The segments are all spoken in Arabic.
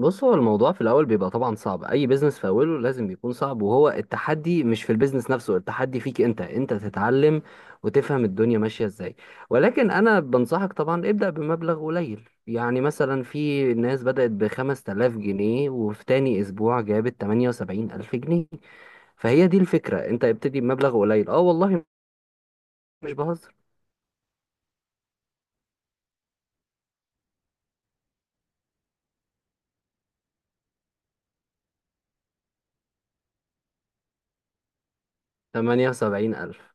بص، هو الموضوع في الاول بيبقى طبعا صعب. اي بيزنس في اوله لازم يكون صعب. وهو التحدي مش في البيزنس نفسه، التحدي فيك انت تتعلم وتفهم الدنيا ماشيه ازاي. ولكن انا بنصحك طبعا ابدا بمبلغ قليل، يعني مثلا في ناس بدات ب 5000 جنيه، وفي تاني اسبوع جابت 78000 جنيه. فهي دي الفكره، انت ابتدي بمبلغ قليل. اه والله، مش بهزر. 78000.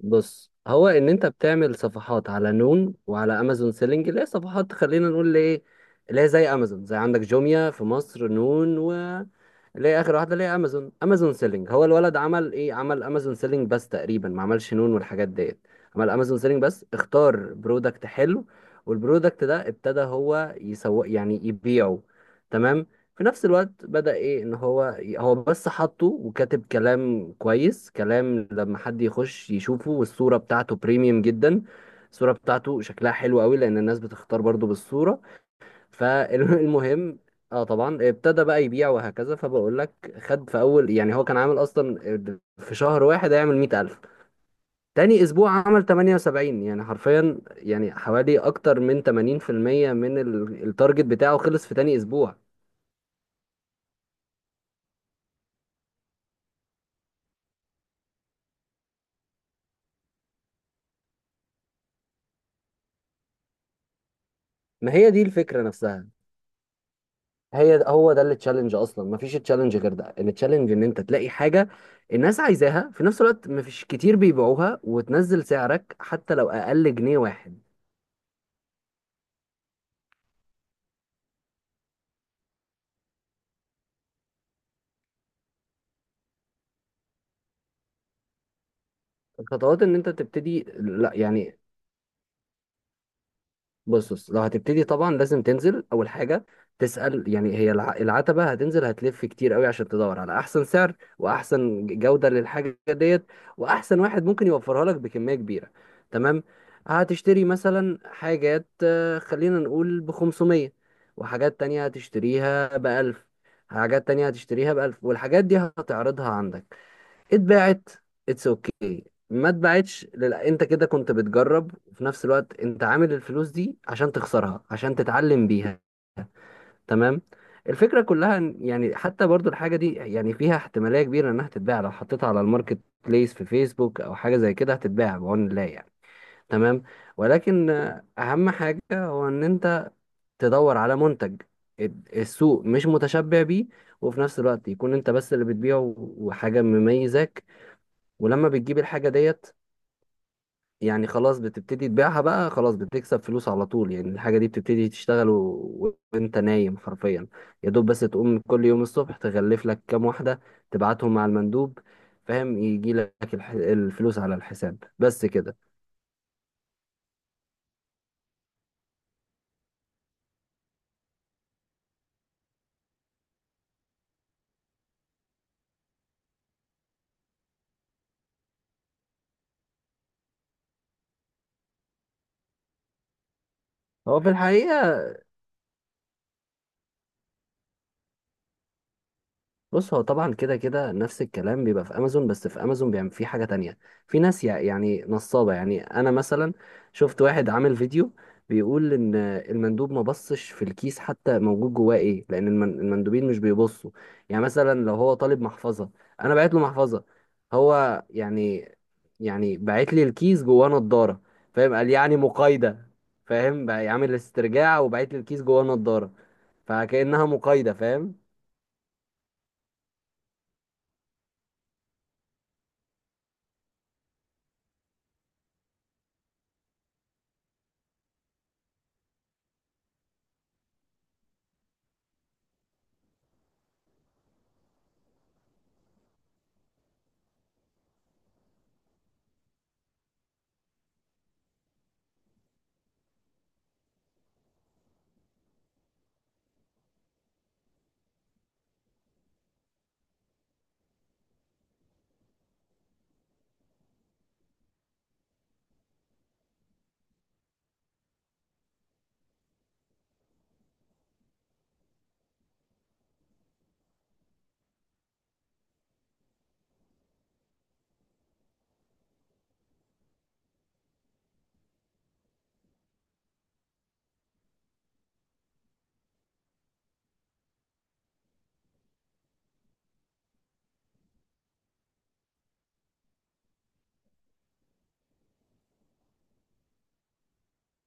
بص، هو ان انت بتعمل صفحات على نون وعلى امازون سيلينج، اللي هي صفحات، خلينا نقول ايه، اللي هي زي امازون، زي عندك جوميا في مصر. نون اللي هي اخر واحده، اللي هي امازون. امازون سيلينج، هو الولد عمل ايه؟ عمل امازون سيلينج بس، تقريبا ما عملش نون والحاجات ديت. عمل امازون سيلينج بس، اختار برودكت حلو، والبرودكت ده ابتدى هو يسوق، يعني يبيعه. تمام. في نفس الوقت بدأ ايه؟ ان هو بس حطه وكاتب كلام كويس، كلام لما حد يخش يشوفه، والصورة بتاعته بريميوم جدا. الصورة بتاعته شكلها حلو قوي، لان الناس بتختار برضو بالصورة. فالمهم اه طبعا ابتدى بقى يبيع وهكذا. فبقول لك، خد في اول، يعني هو كان عامل اصلا في شهر واحد هيعمل 100000. تاني اسبوع عمل 78، يعني حرفيا يعني حوالي اكتر من 80% من التارجت بتاعه خلص في تاني اسبوع. ما هي دي الفكرة نفسها، هي هو ده التشالنج اصلا، ما فيش تشالنج غير ده. التشالنج ان انت تلاقي حاجة الناس عايزاها، في نفس الوقت ما فيش كتير بيبيعوها، وتنزل سعرك حتى لو اقل جنيه واحد. الخطوات ان انت تبتدي، لا يعني، بص لو هتبتدي طبعا لازم تنزل اول حاجه تسال، يعني هي العتبه هتنزل، هتلف كتير قوي عشان تدور على احسن سعر واحسن جوده للحاجه ديت، واحسن واحد ممكن يوفرها لك بكميه كبيره. تمام. هتشتري مثلا حاجات، خلينا نقول ب 500، وحاجات تانية هتشتريها ب 1000. حاجات تانية هتشتريها ب 1000، والحاجات دي هتعرضها عندك. اتباعت، اتس اوكي. ما اتباعتش انت كده كنت بتجرب، وفي نفس الوقت انت عامل الفلوس دي عشان تخسرها، عشان تتعلم بيها. تمام. الفكرة كلها، يعني حتى برضو الحاجة دي يعني فيها احتمالية كبيرة انها تتباع، لو حطيتها على الماركت بليس في فيسبوك او حاجة زي كده هتتباع بعون الله يعني. تمام. ولكن اهم حاجة هو ان انت تدور على منتج السوق مش متشبع بيه، وفي نفس الوقت يكون انت بس اللي بتبيعه، وحاجة مميزاك. ولما بتجيب الحاجة ديت، يعني خلاص بتبتدي تبيعها بقى، خلاص بتكسب فلوس على طول. يعني الحاجة دي بتبتدي تشتغل وانت نايم حرفيا، يا دوب بس تقوم كل يوم الصبح تغلف لك كام واحدة، تبعتهم مع المندوب، فاهم، يجي لك الفلوس على الحساب، بس كده. هو في الحقيقة، بص، هو طبعا كده كده نفس الكلام بيبقى في امازون، بس في امازون بيعمل فيه حاجه تانية. في ناس يعني نصابه. يعني انا مثلا شفت واحد عامل فيديو بيقول ان المندوب ما بصش في الكيس حتى موجود جواه ايه، لان المندوبين مش بيبصوا. يعني مثلا لو هو طالب محفظه، انا بعت له محفظه، هو يعني، يعني بعت لي الكيس جواه نضاره، فاهم، قال يعني مقايده، فاهم، بقى يعمل استرجاع وبعت لي الكيس جواه نضاره، فكانها مقايده، فاهم.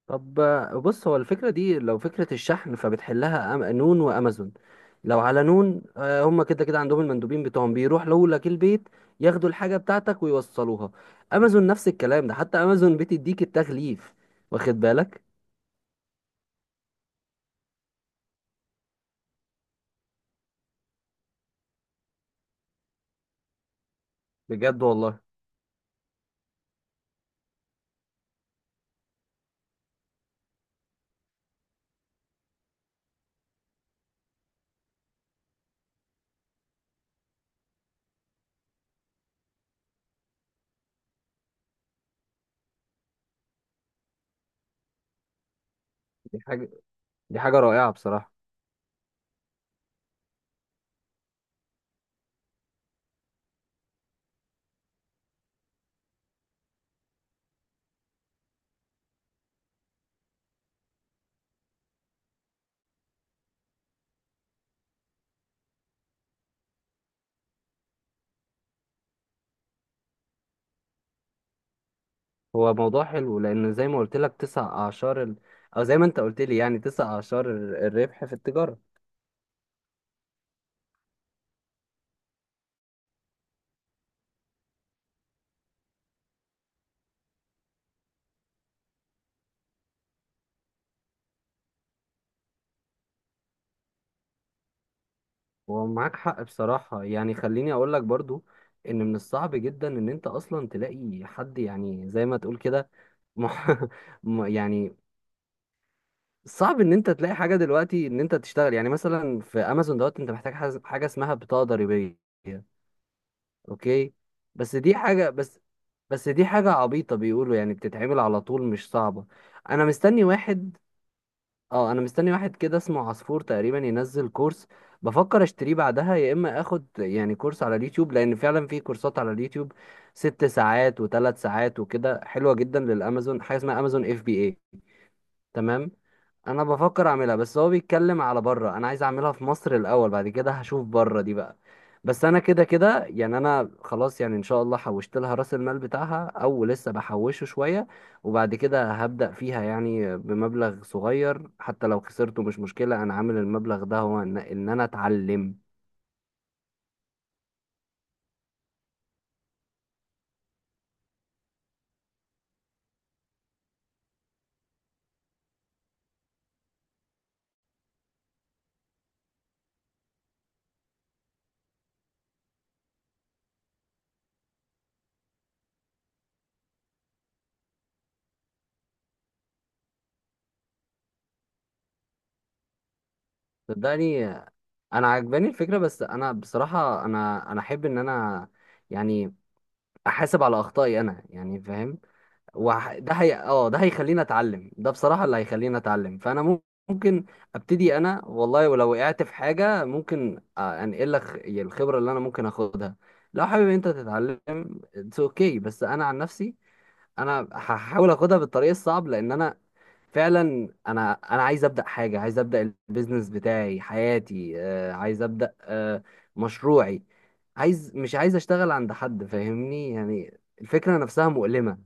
طب بص، هو الفكرة دي لو فكرة الشحن فبتحلها نون وأمازون. لو على نون هم كده كده عندهم المندوبين بتوعهم بيروح لك البيت، ياخدوا الحاجة بتاعتك ويوصلوها. أمازون نفس الكلام ده، حتى أمازون بتديك التغليف، واخد بالك. بجد والله؟ دي حاجة، دي حاجة رائعة بصراحة. هو موضوع حلو، لأن زي ما قلت لك تسع أعشار أو زي ما أنت قلت لي، يعني تسع أعشار الربح في التجارة. هو معاك حق بصراحة. يعني خليني أقول لك برضو، إن من الصعب جدا إن أنت أصلا تلاقي حد، يعني زي ما تقول كده. مح... يعني صعب إن أنت تلاقي حاجة دلوقتي إن أنت تشتغل يعني مثلا في أمازون دوت. أنت محتاج حاجة اسمها بطاقة ضريبية. أوكي. بس دي حاجة بس بس دي حاجة عبيطة بيقولوا، يعني بتتعمل على طول، مش صعبة. أنا مستني واحد. اه، انا مستني واحد كده اسمه عصفور تقريبا ينزل كورس، بفكر اشتريه بعدها، يا اما اخد يعني كورس على اليوتيوب، لان فعلا في كورسات على اليوتيوب ست ساعات وثلاث ساعات وكده حلوة جدا للامازون، حاجة اسمها امازون اف بي اي. تمام. انا بفكر اعملها، بس هو بيتكلم على بره، انا عايز اعملها في مصر الاول، بعد كده هشوف بره دي بقى. بس انا كده كده يعني انا خلاص، يعني ان شاء الله حوشت لها راس المال بتاعها او لسه بحوشه شوية، وبعد كده هبدأ فيها يعني بمبلغ صغير. حتى لو خسرته مش مشكلة، انا عامل المبلغ ده هو إن انا اتعلم. صدقني، انا عجباني الفكرة، بس انا بصراحة انا احب ان انا يعني احاسب على اخطائي انا، يعني فاهم. ده هي اه ده هيخليني اتعلم، ده بصراحة اللي هيخليني اتعلم. فانا ممكن ابتدي انا والله، ولو وقعت في حاجة ممكن انقل لك الخبرة اللي انا ممكن اخدها، لو حابب انت تتعلم. اتس اوكي. بس انا عن نفسي انا هحاول اخدها بالطريق الصعب، لان انا فعلا انا عايز ابدا حاجه، عايز ابدا البيزنس بتاعي، حياتي، عايز ابدا مشروعي، عايز، مش عايز اشتغل عند حد، فاهمني، يعني الفكره نفسها مؤلمه.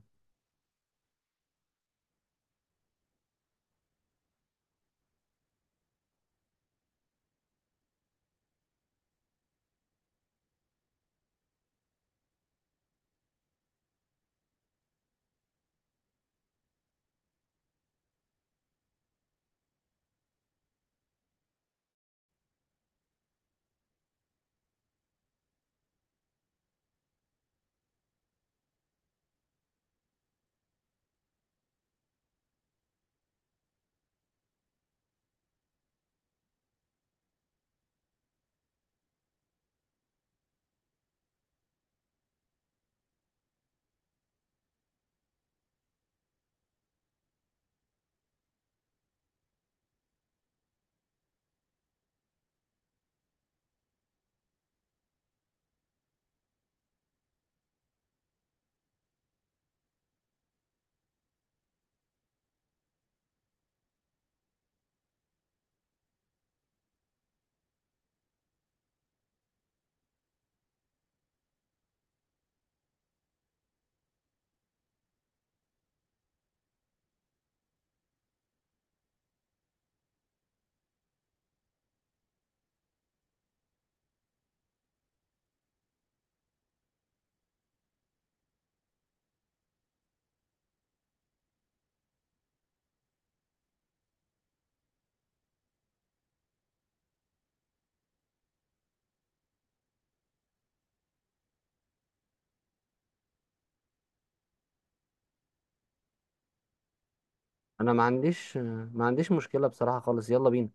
انا ما عنديش مشكلة بصراحة خالص، يلا بينا.